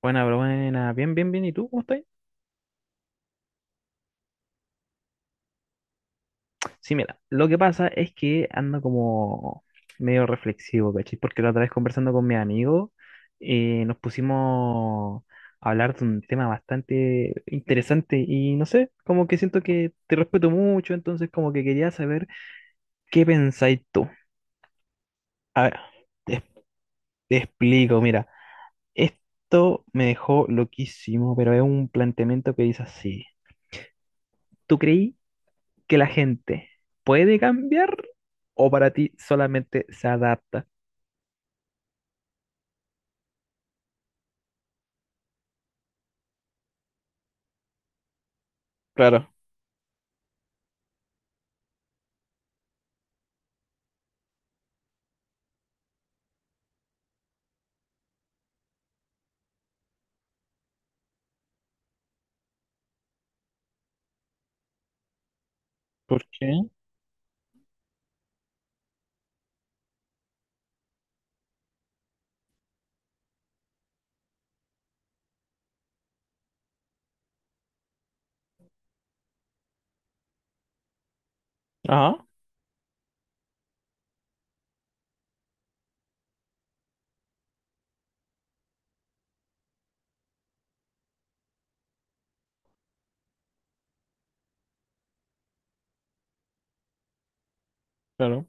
Buena, pero buena, bien, bien, bien. ¿Y tú cómo estás? Sí, mira, lo que pasa es que ando como medio reflexivo, ¿cachai? Porque la otra vez conversando con mi amigo, nos pusimos a hablar de un tema bastante interesante y no sé, como que siento que te respeto mucho, entonces como que quería saber qué pensáis tú. A ver, te, te explico, mira, esto me dejó loquísimo, pero es un planteamiento que dice así. ¿Tú creí que la gente puede cambiar o para ti solamente se adapta? Claro. ¿Por qué? Ajá, claro.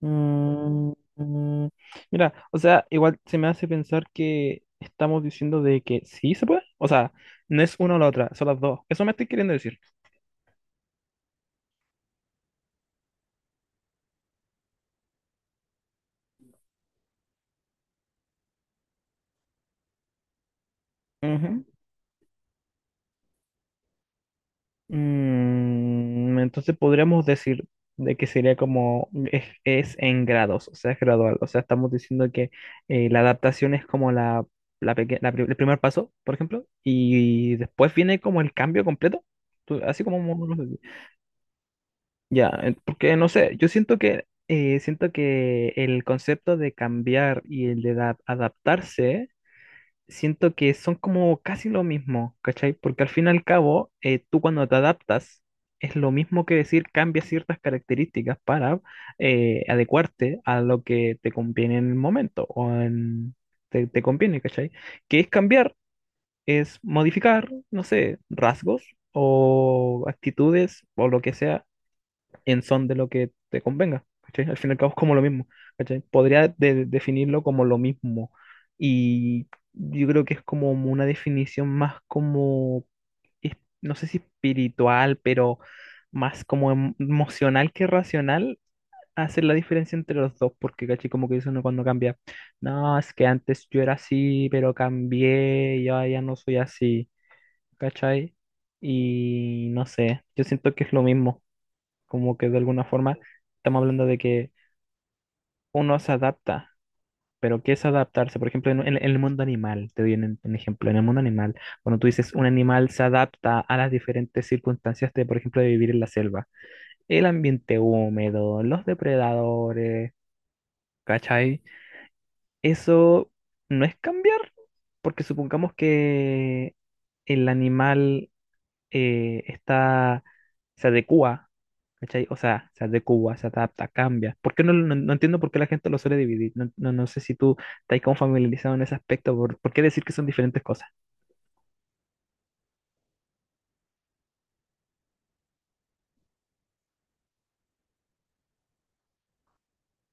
Mm, mm, mira, o sea, igual se me hace pensar que estamos diciendo de que sí se puede. O sea, no es una o la otra, son las dos. Eso me estoy queriendo decir. Mm, entonces podríamos decir de que sería como es en grados, o sea, es gradual. O sea, estamos diciendo que la adaptación es como la peque- la pri- el primer paso, por ejemplo, y después viene como el cambio completo, tú- así como uno lo- Ya, porque no sé, yo siento que el concepto de cambiar y el de adaptarse siento que son como casi lo mismo, ¿cachai? Porque al fin y al cabo, tú cuando te adaptas, es lo mismo que decir cambias ciertas características para adecuarte a lo que te conviene en el momento o en, te conviene, ¿cachai? Que es cambiar, es modificar, no sé, rasgos o actitudes o lo que sea en son de lo que te convenga, ¿cachai? Al fin y al cabo es como lo mismo, ¿cachai? Podría definirlo como lo mismo, y yo creo que es como una definición más como, es- no sé si espiritual, pero más como emocional que racional. Hacer la diferencia entre los dos, porque ¿cachai? Como que dice uno cuando cambia, no, es que antes yo era así, pero cambié, y ahora ya no soy así, ¿cachai? Y no sé, yo siento que es lo mismo. Como que de alguna forma estamos hablando de que uno se adapta, pero ¿qué es adaptarse? Por ejemplo, en el mundo animal, te doy un ejemplo, en el mundo animal, cuando tú dices un animal se adapta a las diferentes circunstancias de, por ejemplo, de vivir en la selva, el ambiente húmedo, los depredadores, ¿cachai? Eso no es cambiar, porque supongamos que el animal está, se adecua, ¿cachai? O sea, se adecua, se adapta, cambia. ¿Por qué no entiendo por qué la gente lo suele dividir? No sé si tú estás como familiarizado en ese aspecto, por qué decir que son diferentes cosas?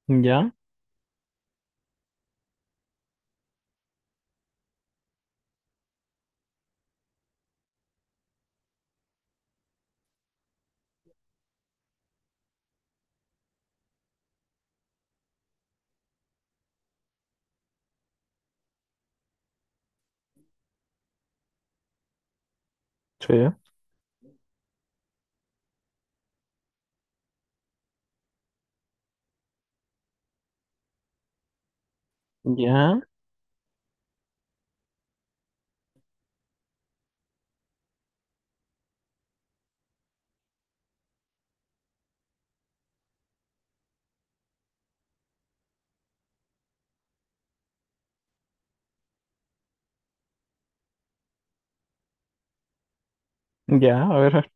Ya, sí, ya, ya, a ver.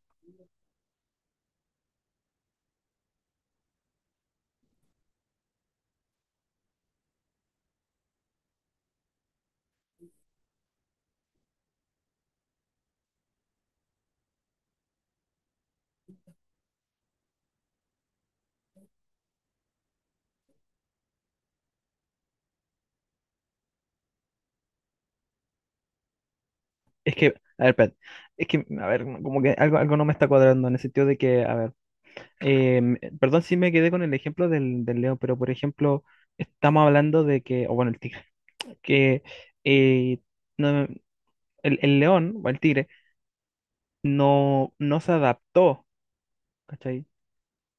Es que, a ver, espérate, es que, a ver, como que algo no me está cuadrando en el sentido de que, a ver, perdón si me quedé con el ejemplo del león, pero por ejemplo, estamos hablando de que, o bueno, el tigre, que eh, no- el león o el tigre no se adaptó, ¿cachai?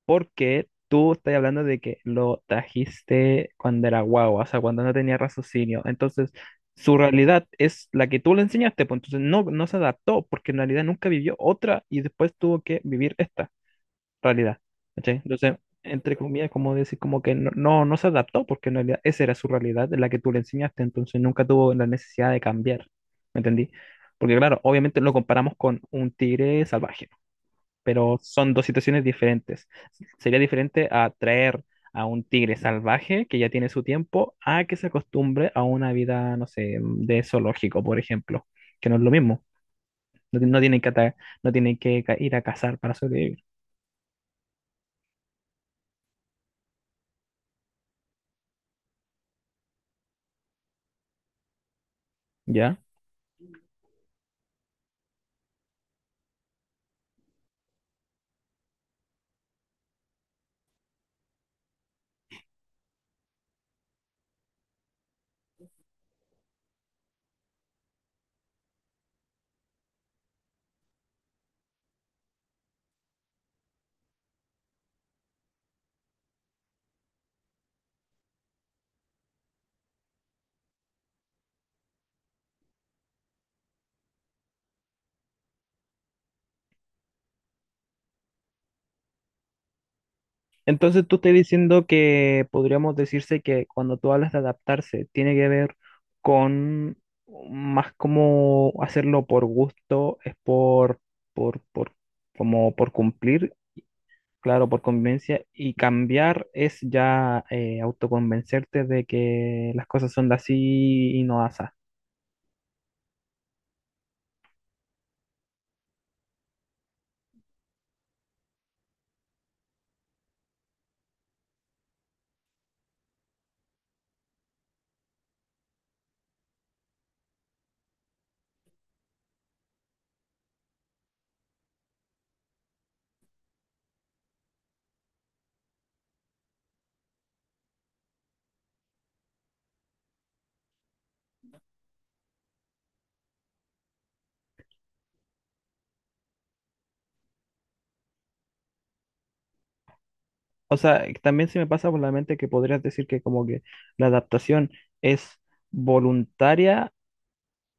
Porque tú estás hablando de que lo trajiste cuando era guagua, o sea, cuando no tenía raciocinio. Entonces, su realidad es la que tú le enseñaste, pues entonces no se adaptó, porque en realidad nunca vivió otra y después tuvo que vivir esta realidad, ¿cachai? Entonces, entre comillas, como decir, como que no se adaptó, porque en realidad esa era su realidad, la que tú le enseñaste, entonces nunca tuvo la necesidad de cambiar, ¿me entendí? Porque claro, obviamente lo comparamos con un tigre salvaje, pero son dos situaciones diferentes. Sería diferente a traer a un tigre salvaje que ya tiene su tiempo a que se acostumbre a una vida, no sé, de zoológico, por ejemplo, que no es lo mismo. No, ti- no tienen que, ata- no tienen que ca- ir a cazar para sobrevivir, ¿ya? Entonces tú estás diciendo que podríamos decirse que cuando tú hablas de adaptarse, tiene que ver con más como hacerlo por gusto, es por, por, como por cumplir, claro, por conveniencia, y cambiar es ya autoconvencerte de que las cosas son de así y no asá. O sea, también se me pasa por la mente que podrías decir que como que la adaptación es voluntaria.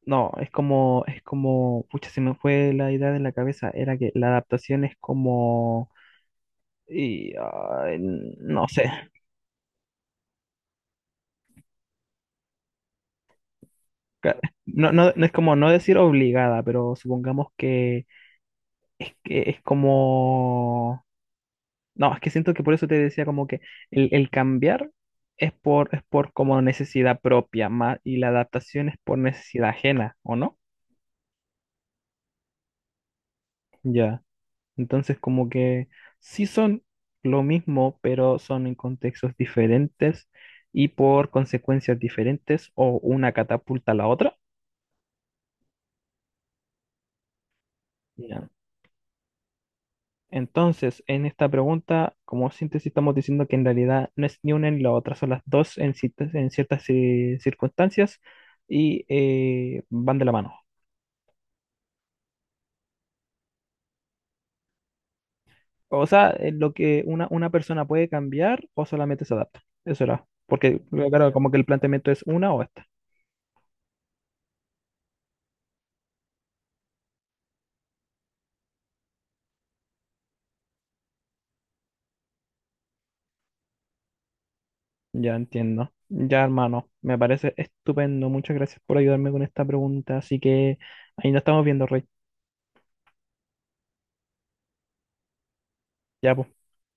No, es como, pucha, se me fue la idea de la cabeza, era que la adaptación es como, y, ah, no sé, ca- no es como, no decir obligada, pero supongamos que es como, no, es que siento que por eso te decía como que el cambiar es por como necesidad propia, más, y la adaptación es por necesidad ajena, ¿o no? Ya. Entonces, como que sí son lo mismo, pero son en contextos diferentes y por consecuencias diferentes o una catapulta a la otra. Ya. Entonces, en esta pregunta, como síntesis, estamos diciendo que en realidad no es ni una ni la otra, son las dos en, citas- en ciertas circunstancias y van de la mano. O sea, lo que una persona puede cambiar o solamente se adapta. Eso era. Porque, claro, como que el planteamiento es una o esta. Ya entiendo. Ya, hermano, me parece estupendo. Muchas gracias por ayudarme con esta pregunta. Así que ahí nos estamos viendo, Rey. Ya, pues.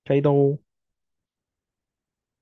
Chaito.